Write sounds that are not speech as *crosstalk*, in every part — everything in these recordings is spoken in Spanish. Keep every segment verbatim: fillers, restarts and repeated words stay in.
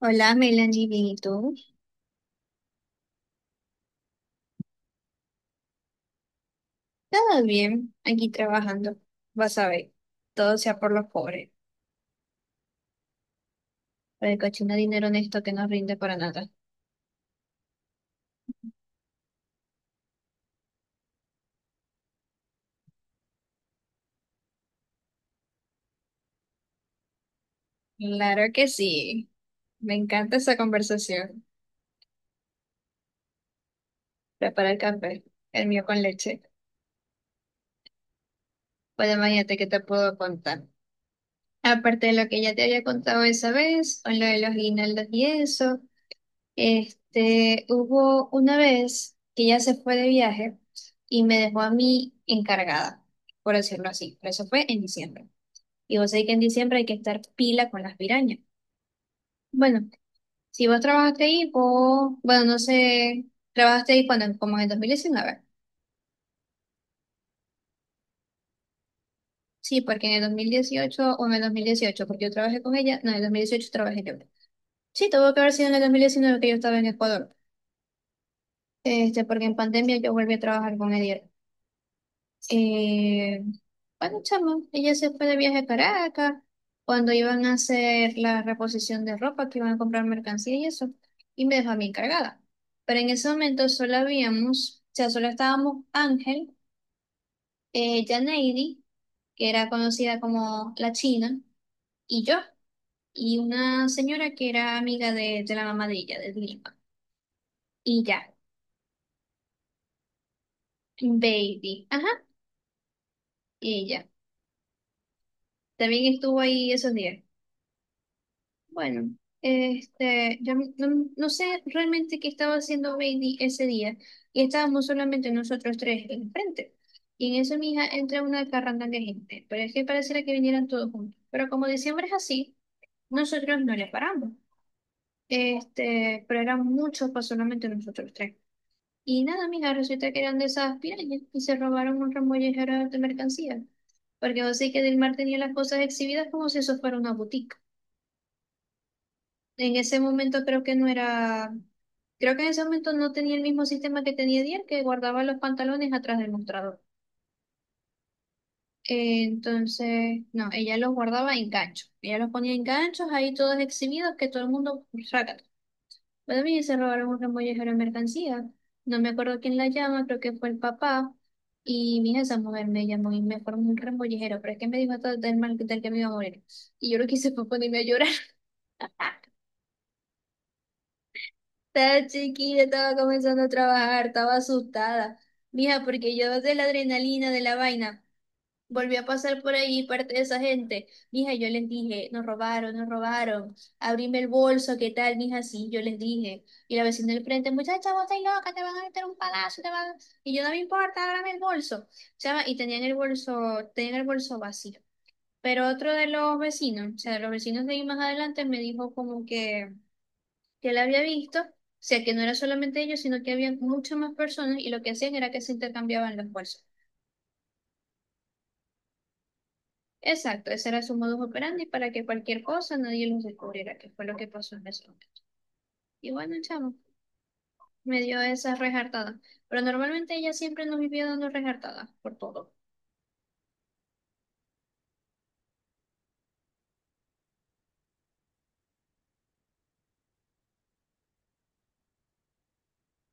Hola, Melanie, bien, ¿y tú? Todo bien, aquí trabajando. Vas a ver, todo sea por los pobres, por el cochino dinero honesto que no rinde para nada. Claro que sí, me encanta esa conversación. Prepara el café, el mío con leche. Pues imagínate que te puedo contar. Aparte de lo que ya te había contado esa vez, o lo de los guinaldos y eso, Este, hubo una vez que ella se fue de viaje y me dejó a mí encargada, por decirlo así, pero eso fue en diciembre. Y vos sabés que en diciembre hay que estar pila con las pirañas. Bueno, si vos trabajaste ahí, vos, bueno, no sé, trabajaste ahí cuando, como en el dos mil diecinueve. Sí, porque en el dos mil dieciocho o en el dos mil dieciocho, porque yo trabajé con ella, no, en el dos mil dieciocho trabajé yo. Sí, tuvo que haber sido en el dos mil diecinueve que yo estaba en Ecuador, este, porque en pandemia yo volví a trabajar con ella. Eh, bueno, chama, ella se fue de viaje a Caracas cuando iban a hacer la reposición de ropa, que iban a comprar mercancía y eso, y me dejó a mí encargada. Pero en ese momento solo habíamos, o sea, solo estábamos Ángel, eh, Janeidi, que era conocida como la China, y yo, y una señora que era amiga de, de la mamá de ella, de Lima. Y ya, Baby, ajá, ella. También estuvo ahí esos días. Bueno, este, yo no, no sé realmente qué estaba haciendo Bailey ese día y estábamos solamente nosotros tres en frente. Y en eso, mija, entra una carranda de gente, pero es que pareciera que vinieran todos juntos. Pero como diciembre es así, nosotros no les paramos. Este, pero eran muchos para solamente nosotros tres. Y nada, mija, resulta que eran de esas pirañas y se robaron un remollejero de mercancía. Porque vos sé que Delmar tenía las cosas exhibidas como si eso fuera una boutique. En ese momento creo que no era, creo que en ese momento no tenía el mismo sistema que tenía Dier, que guardaba los pantalones atrás del mostrador. Eh, Entonces, no, ella los guardaba en ganchos. Ella los ponía en ganchos ahí todos exhibidos, que todo el mundo saca. También se robaron un remollejero de mercancía. No me acuerdo quién la llama, creo que fue el papá. Y mi hija, esa mujer me llamó y me formó un remollejero, pero es que me dijo hasta del mal del que me iba a morir. Y yo lo que hice fue *laughs* ponerme a llorar. Estaba chiquita, estaba comenzando a trabajar, estaba asustada. Mija, porque yo de la adrenalina, de la vaina, volví a pasar por ahí parte de esa gente. Mija, yo les dije, nos robaron, nos robaron. Abrime el bolso, ¿qué tal, mija? Sí, yo les dije. Y la vecina del frente, muchacha, vos estás loca, te van a meter un palazo, te van a-". Y yo, no me importa, ábrame el bolso. Chama, y tenían el bolso, tenían el bolso vacío. Pero otro de los vecinos, o sea, de los vecinos de ahí más adelante, me dijo como que que la había visto, o sea, que no era solamente ellos, sino que había muchas más personas y lo que hacían era que se intercambiaban las fuerzas. Exacto, ese era su modus operandi para que cualquier cosa nadie los descubriera, que fue lo que pasó en ese momento. Y bueno, chamo, me dio esas rejartadas, pero normalmente ella siempre nos vivía dando rejartadas por todo.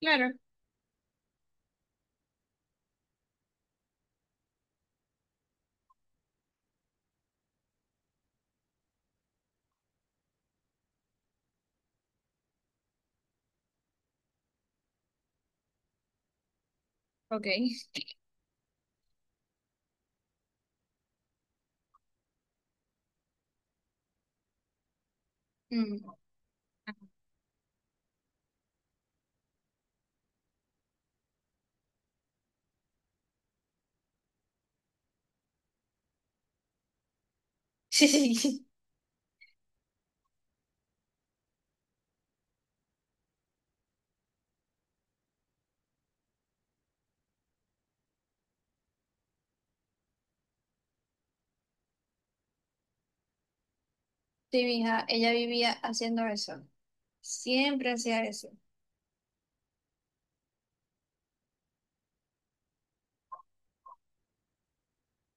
Claro, ok. Mm. *laughs* Sí, sí, sí. Sí, mija, ella vivía haciendo eso. Siempre hacía eso.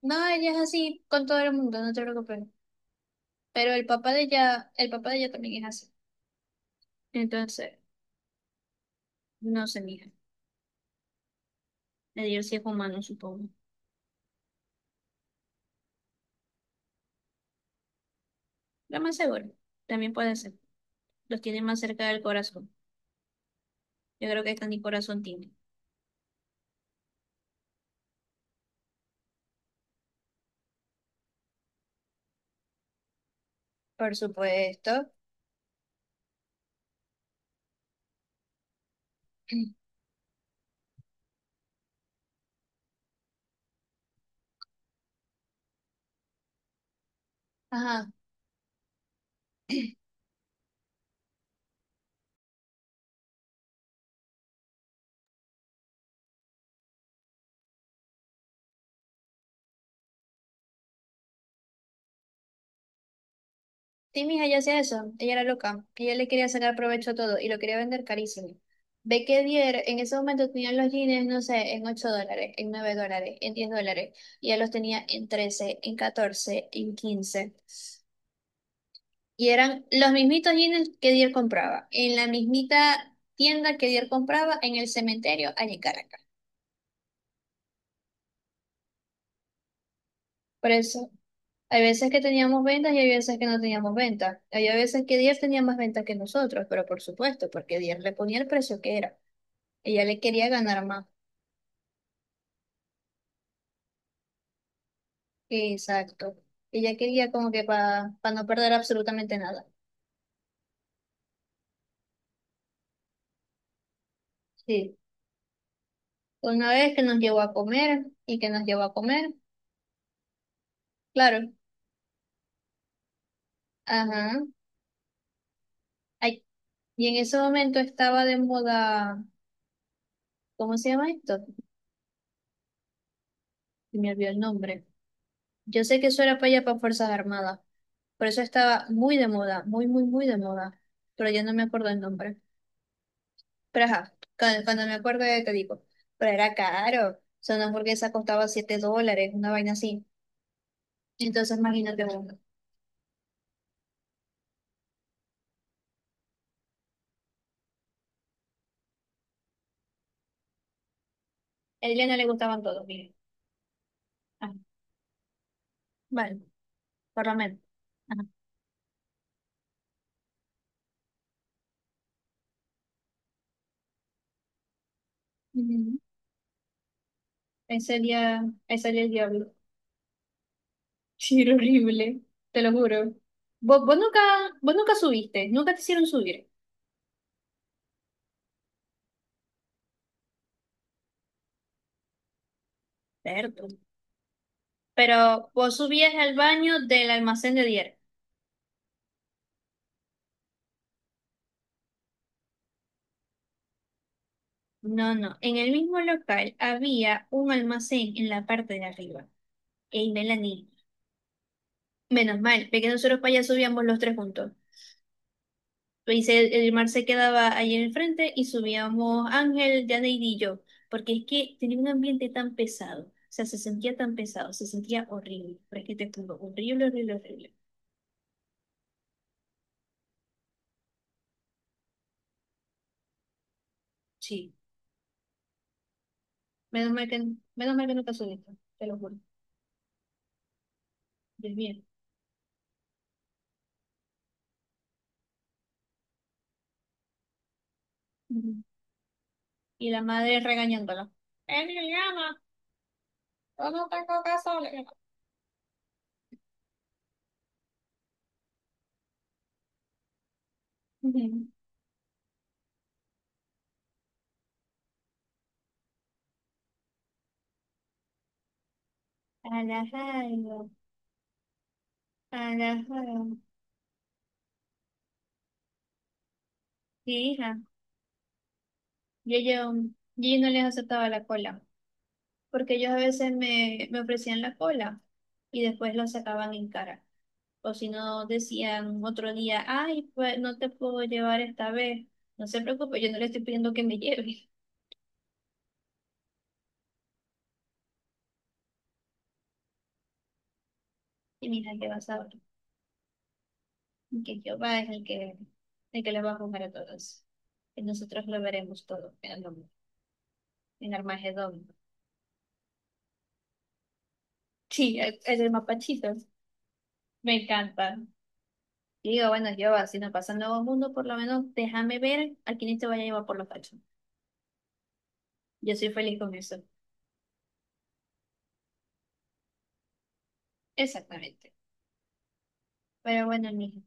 No, ella es así con todo el mundo, no te preocupes. Pero el papá de ella, el papá de ella también es así. Entonces, no se mija. El dios sí es humano, supongo. Lo más seguro. También puede ser. Los tiene más cerca del corazón. Yo creo que esta ni corazón tiene. Por supuesto. *clears throat* Ajá. Sí, mija, ella hacía eso. Ella era loca. Ella le quería sacar provecho a todo y lo quería vender carísimo. Ve que Dier en ese momento tenían los jeans, no sé, en ocho dólares, en nueve dólares, en diez dólares. Y ella los tenía en trece, en catorce, en quince. Y eran los mismitos jeans que Dier compraba, en la mismita tienda que Dier compraba en el cementerio allá en Caracas. Por eso, hay veces que teníamos ventas y hay veces que no teníamos ventas. Había veces que Dier tenía más ventas que nosotros, pero por supuesto, porque Dier le ponía el precio que era. Ella le quería ganar más. Exacto. Ella quería como que para no perder absolutamente nada. Sí. Una vez que nos llevó a comer y que nos llevó a comer, claro. Ajá. Ay, y en ese momento estaba de moda. ¿Cómo se llama esto? Se me olvidó el nombre. Yo sé que eso era para allá para Fuerzas Armadas, por eso estaba muy de moda, muy, muy, muy de moda, pero yo no me acuerdo el nombre. Pero ajá, cuando, cuando me acuerdo te digo, pero era caro, o sea, una hamburguesa costaba siete dólares, una vaina así. Entonces imagínate uno. A ella no le gustaban todos, miren. Ajá. Bueno, por lo menos. Ajá. Ujú. Ese día, ese día el diablo. *laughs* Sí, era horrible, te lo juro. Vos, vos nunca, vos nunca subiste, nunca te hicieron subir. Cierto. Pero vos subías al baño del almacén de Dier. No, no. En el mismo local había un almacén en la parte de arriba. Ey, Melanie. Menos mal, porque nosotros para allá subíamos los tres juntos. Pues el, el mar se quedaba ahí en el frente y subíamos Ángel, Janeid y yo. Porque es que tenía un ambiente tan pesado. O sea, se sentía tan pesado, se sentía horrible. Pero es que te juro, horrible, horrible, horrible. Sí. Menos mal que, menos mal que no pasó esto, te lo juro. Dios mío. Ujú. Y la madre regañándola. Eh, Ujú. A la radio, a. Sí, hija, yo, yo, yo no les aceptaba la cola, porque ellos a veces me, me ofrecían la cola y después lo sacaban en cara. O si no, decían otro día, ay, pues no te puedo llevar esta vez, no se preocupe, yo no le estoy pidiendo que me lleve. Y mira, ¿qué vas a ver? Que Jehová es el que, el que, les va a juzgar a todos. Y nosotros lo veremos todo en, el- en Armagedón. Sí, es es el mapachito. Me encanta. Y digo, bueno, Jehová, si nos pasa el nuevo mundo, por lo menos déjame ver a quién te vaya a llevar por los cachos. Yo soy feliz con eso. Exactamente. Pero bueno, mijo.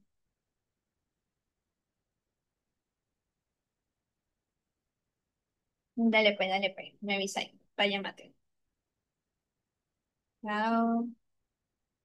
Dale pues, dale pues. Me avisáis. Vaya mate. Chao.